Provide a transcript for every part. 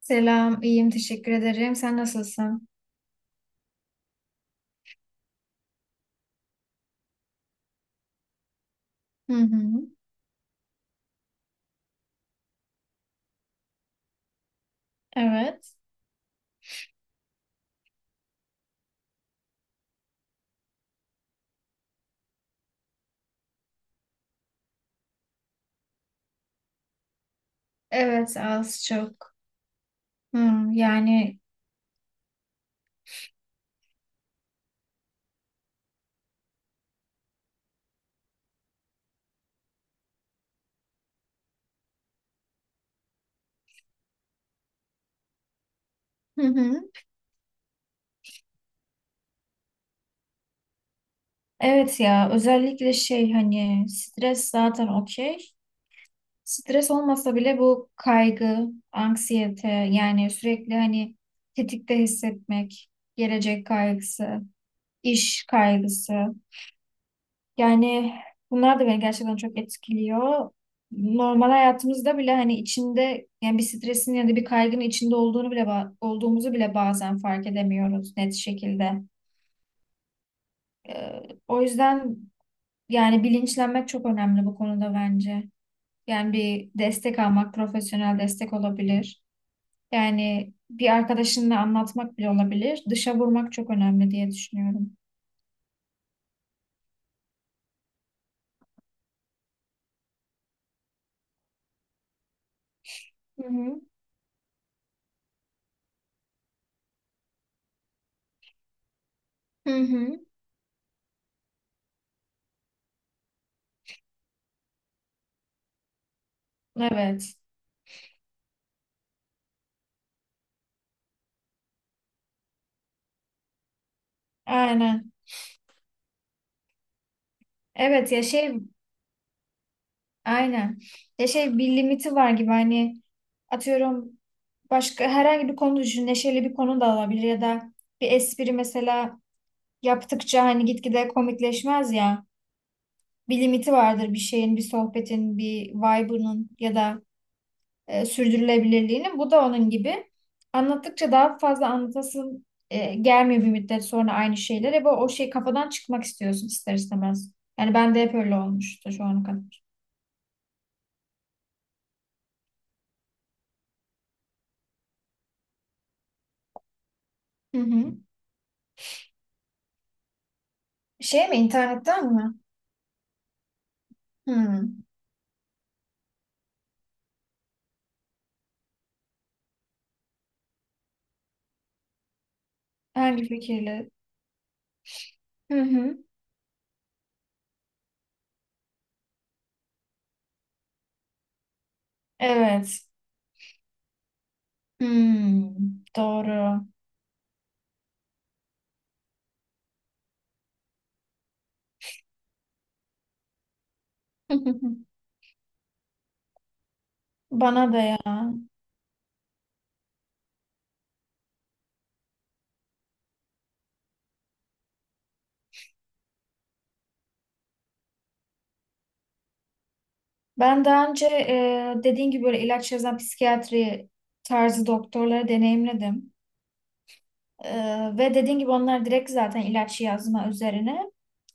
Selam, iyiyim, teşekkür ederim. Sen nasılsın? Hı hı. Evet. Evet, az çok. Hı, yani, hı hı. Evet ya, özellikle şey hani stres zaten okey. Stres olmasa bile bu kaygı, anksiyete, yani sürekli hani tetikte hissetmek, gelecek kaygısı, iş kaygısı. Yani bunlar da beni gerçekten çok etkiliyor. Normal hayatımızda bile hani içinde yani bir stresin ya da bir kaygının içinde olduğunu bile olduğumuzu bile bazen fark edemiyoruz net şekilde. Ee, o yüzden yani bilinçlenmek çok önemli bu konuda bence. Yani bir destek almak, profesyonel destek olabilir. Yani bir arkadaşınla anlatmak bile olabilir. Dışa vurmak çok önemli diye düşünüyorum. Hı hı. Hı hı. Evet. Aynen. Evet ya, şey, aynen. Ya şey, bir limiti var gibi hani atıyorum başka herhangi bir konu düşün. Neşeli bir konu da olabilir ya da bir espri mesela yaptıkça hani gitgide komikleşmez ya. Bir limiti vardır bir şeyin, bir sohbetin, bir vibe'ının ya da sürdürülebilirliğinin. Bu da onun gibi. Anlattıkça daha fazla anlatasın gelmiyor bir müddet sonra aynı şeyler. Ve o şey kafadan çıkmak istiyorsun ister istemez. Yani ben de hep öyle olmuştu şu ana kadar. Hı hı. Şey mi, internetten mi? Hı. Hangi fikirle? Hı hı. Evet. Hmm, doğru. Bana da ya. Ben daha önce dediğin gibi böyle ilaç yazan psikiyatri tarzı doktorları deneyimledim. Ve dediğin gibi onlar direkt zaten ilaç yazma üzerine.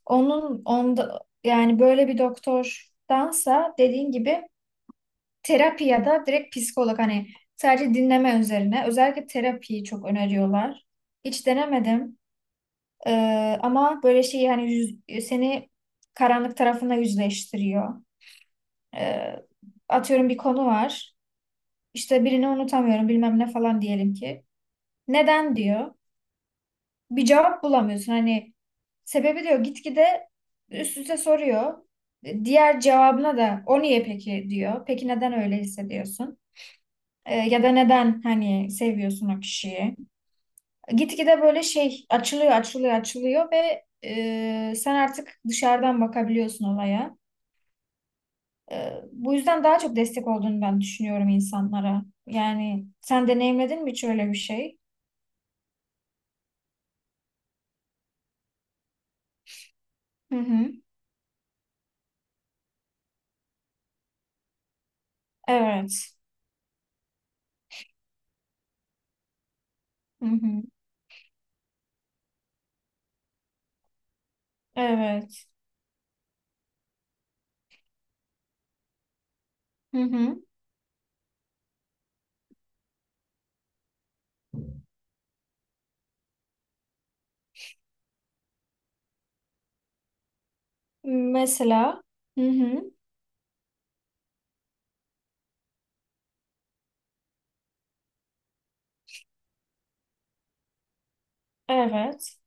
Onun onda yani böyle bir doktordansa dediğin gibi terapi ya da direkt psikolog hani sadece dinleme üzerine özellikle terapiyi çok öneriyorlar. Hiç denemedim. Ama böyle şey hani seni karanlık tarafına yüzleştiriyor. Ee, atıyorum bir konu var. İşte birini unutamıyorum, bilmem ne falan diyelim ki. Neden diyor. Bir cevap bulamıyorsun. Hani sebebi diyor, gitgide üst üste soruyor. Diğer cevabına da o niye peki diyor. Peki neden öyle hissediyorsun? Ya da neden hani seviyorsun o kişiyi? Gitgide böyle şey açılıyor, açılıyor, açılıyor ve sen artık dışarıdan bakabiliyorsun olaya. Bu yüzden daha çok destek olduğunu ben düşünüyorum insanlara. Yani sen deneyimledin mi hiç öyle bir şey? Hı hı. Evet. Hı hı. Evet. Hı hı. Mesela. Hı hı. Evet.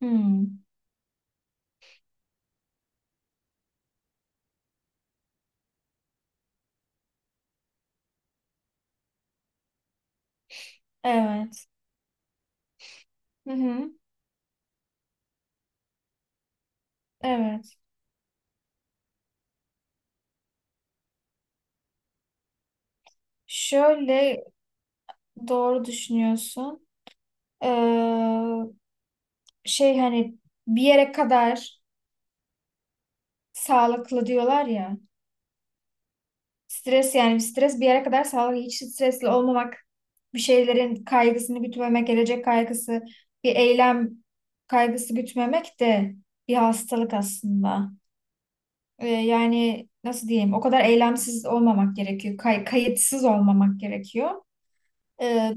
Hı. Evet. Hı hı. Evet. Şöyle, doğru düşünüyorsun. Ee, şey hani bir yere kadar sağlıklı diyorlar ya. Stres yani stres bir yere kadar sağlıklı. Hiç stresli olmamak, bir şeylerin kaygısını gütmemek, gelecek kaygısı, bir eylem kaygısı gütmemek de bir hastalık aslında. Yani nasıl diyeyim? O kadar eylemsiz olmamak gerekiyor. Kayıtsız olmamak gerekiyor. Ee,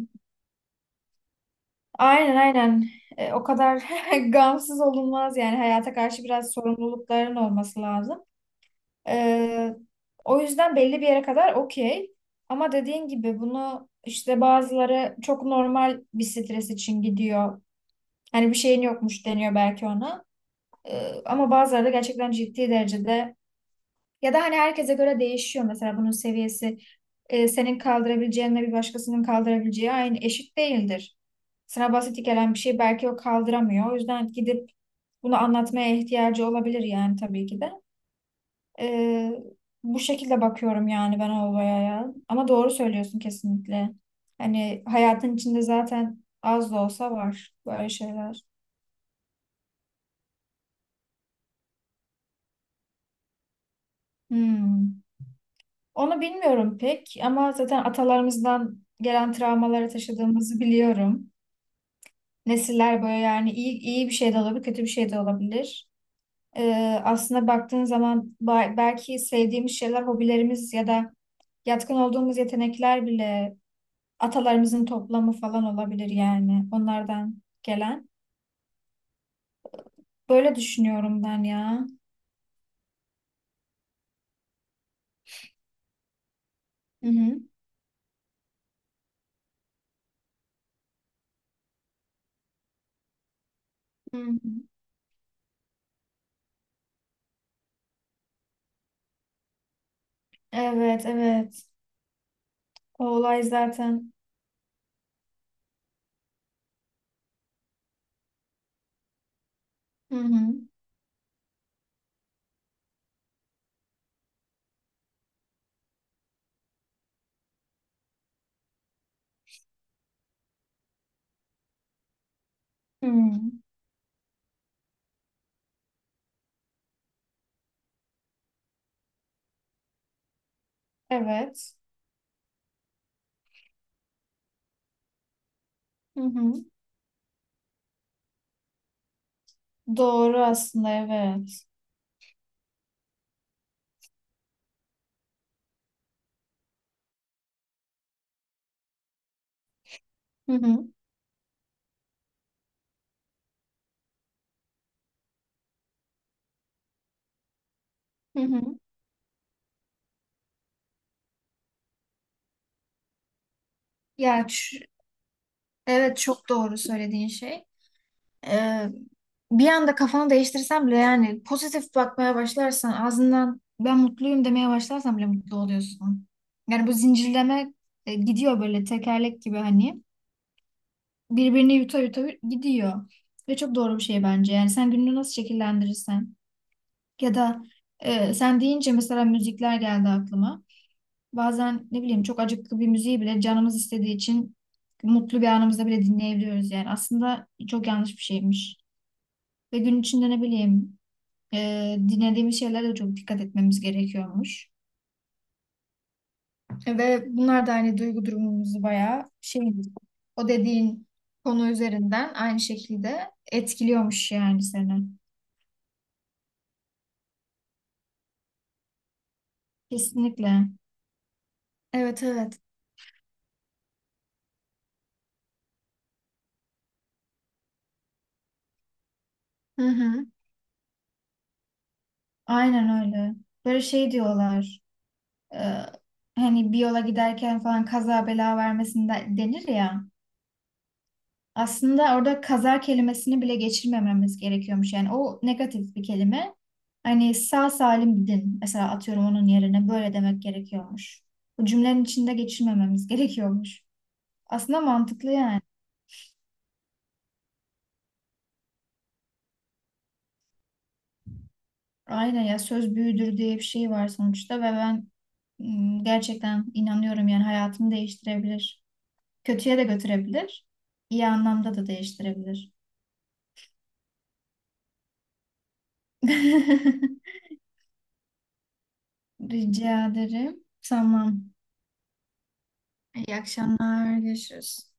aynen aynen. O kadar gamsız olunmaz yani hayata karşı biraz sorumlulukların olması lazım. Ee, o yüzden belli bir yere kadar okey. Ama dediğin gibi bunu işte bazıları çok normal bir stres için gidiyor. Hani bir şeyin yokmuş deniyor belki ona. Ama bazıları da gerçekten ciddi derecede ya da hani herkese göre değişiyor mesela bunun seviyesi. E, senin kaldırabileceğinle bir başkasının kaldırabileceği aynı, eşit değildir. Sana basit gelen bir şey belki o kaldıramıyor. O yüzden gidip bunu anlatmaya ihtiyacı olabilir yani tabii ki de. Ee, bu şekilde bakıyorum yani ben olaya ya. Ama doğru söylüyorsun kesinlikle. Hani hayatın içinde zaten az da olsa var böyle şeyler. Hmm. Onu bilmiyorum pek ama zaten atalarımızdan gelen travmaları taşıdığımızı biliyorum. Nesiller böyle yani, iyi, iyi bir şey de olabilir, kötü bir şey de olabilir. Aslında baktığın zaman belki sevdiğimiz şeyler, hobilerimiz ya da yatkın olduğumuz yetenekler bile atalarımızın toplamı falan olabilir yani onlardan gelen. Böyle düşünüyorum ben ya. Hı hı. Hı hı. Evet, evet. O olay zaten. Hı hı. Hı. Evet. Hı hı. Doğru aslında, evet. Hı hı. Hı hı. Ya ç- evet, çok doğru söylediğin şey. e, bir anda kafanı değiştirsen bile yani pozitif bakmaya başlarsan, ağzından ben mutluyum demeye başlarsan bile mutlu oluyorsun. Yani bu zincirleme gidiyor böyle tekerlek gibi hani birbirini yuta yuta gidiyor. Ve çok doğru bir şey bence. Yani sen gününü nasıl şekillendirirsen ya da sen deyince mesela müzikler geldi aklıma. Bazen ne bileyim çok acıklı bir müziği bile canımız istediği için mutlu bir anımızda bile dinleyebiliyoruz yani. Aslında çok yanlış bir şeymiş. Ve gün içinde ne bileyim e, dinlediğimiz şeylere de çok dikkat etmemiz gerekiyormuş. Ve bunlar da hani duygu durumumuzu bayağı şey, o dediğin konu üzerinden aynı şekilde etkiliyormuş yani seni. Kesinlikle. Evet, evet. Hı hı. Aynen öyle. Böyle şey diyorlar. e, hani bir yola giderken falan kaza bela vermesinde denir ya. Aslında orada kaza kelimesini bile geçirmememiz gerekiyormuş. Yani o negatif bir kelime. Hani sağ salim gidin. Mesela atıyorum onun yerine böyle demek gerekiyormuş. Bu cümlenin içinde geçirmememiz gerekiyormuş. Aslında mantıklı yani. Aynen ya, söz büyüdür diye bir şey var sonuçta ve ben gerçekten inanıyorum yani, hayatımı değiştirebilir. Kötüye de götürebilir. İyi anlamda da değiştirebilir. Rica ederim. Tamam. İyi akşamlar. Görüşürüz.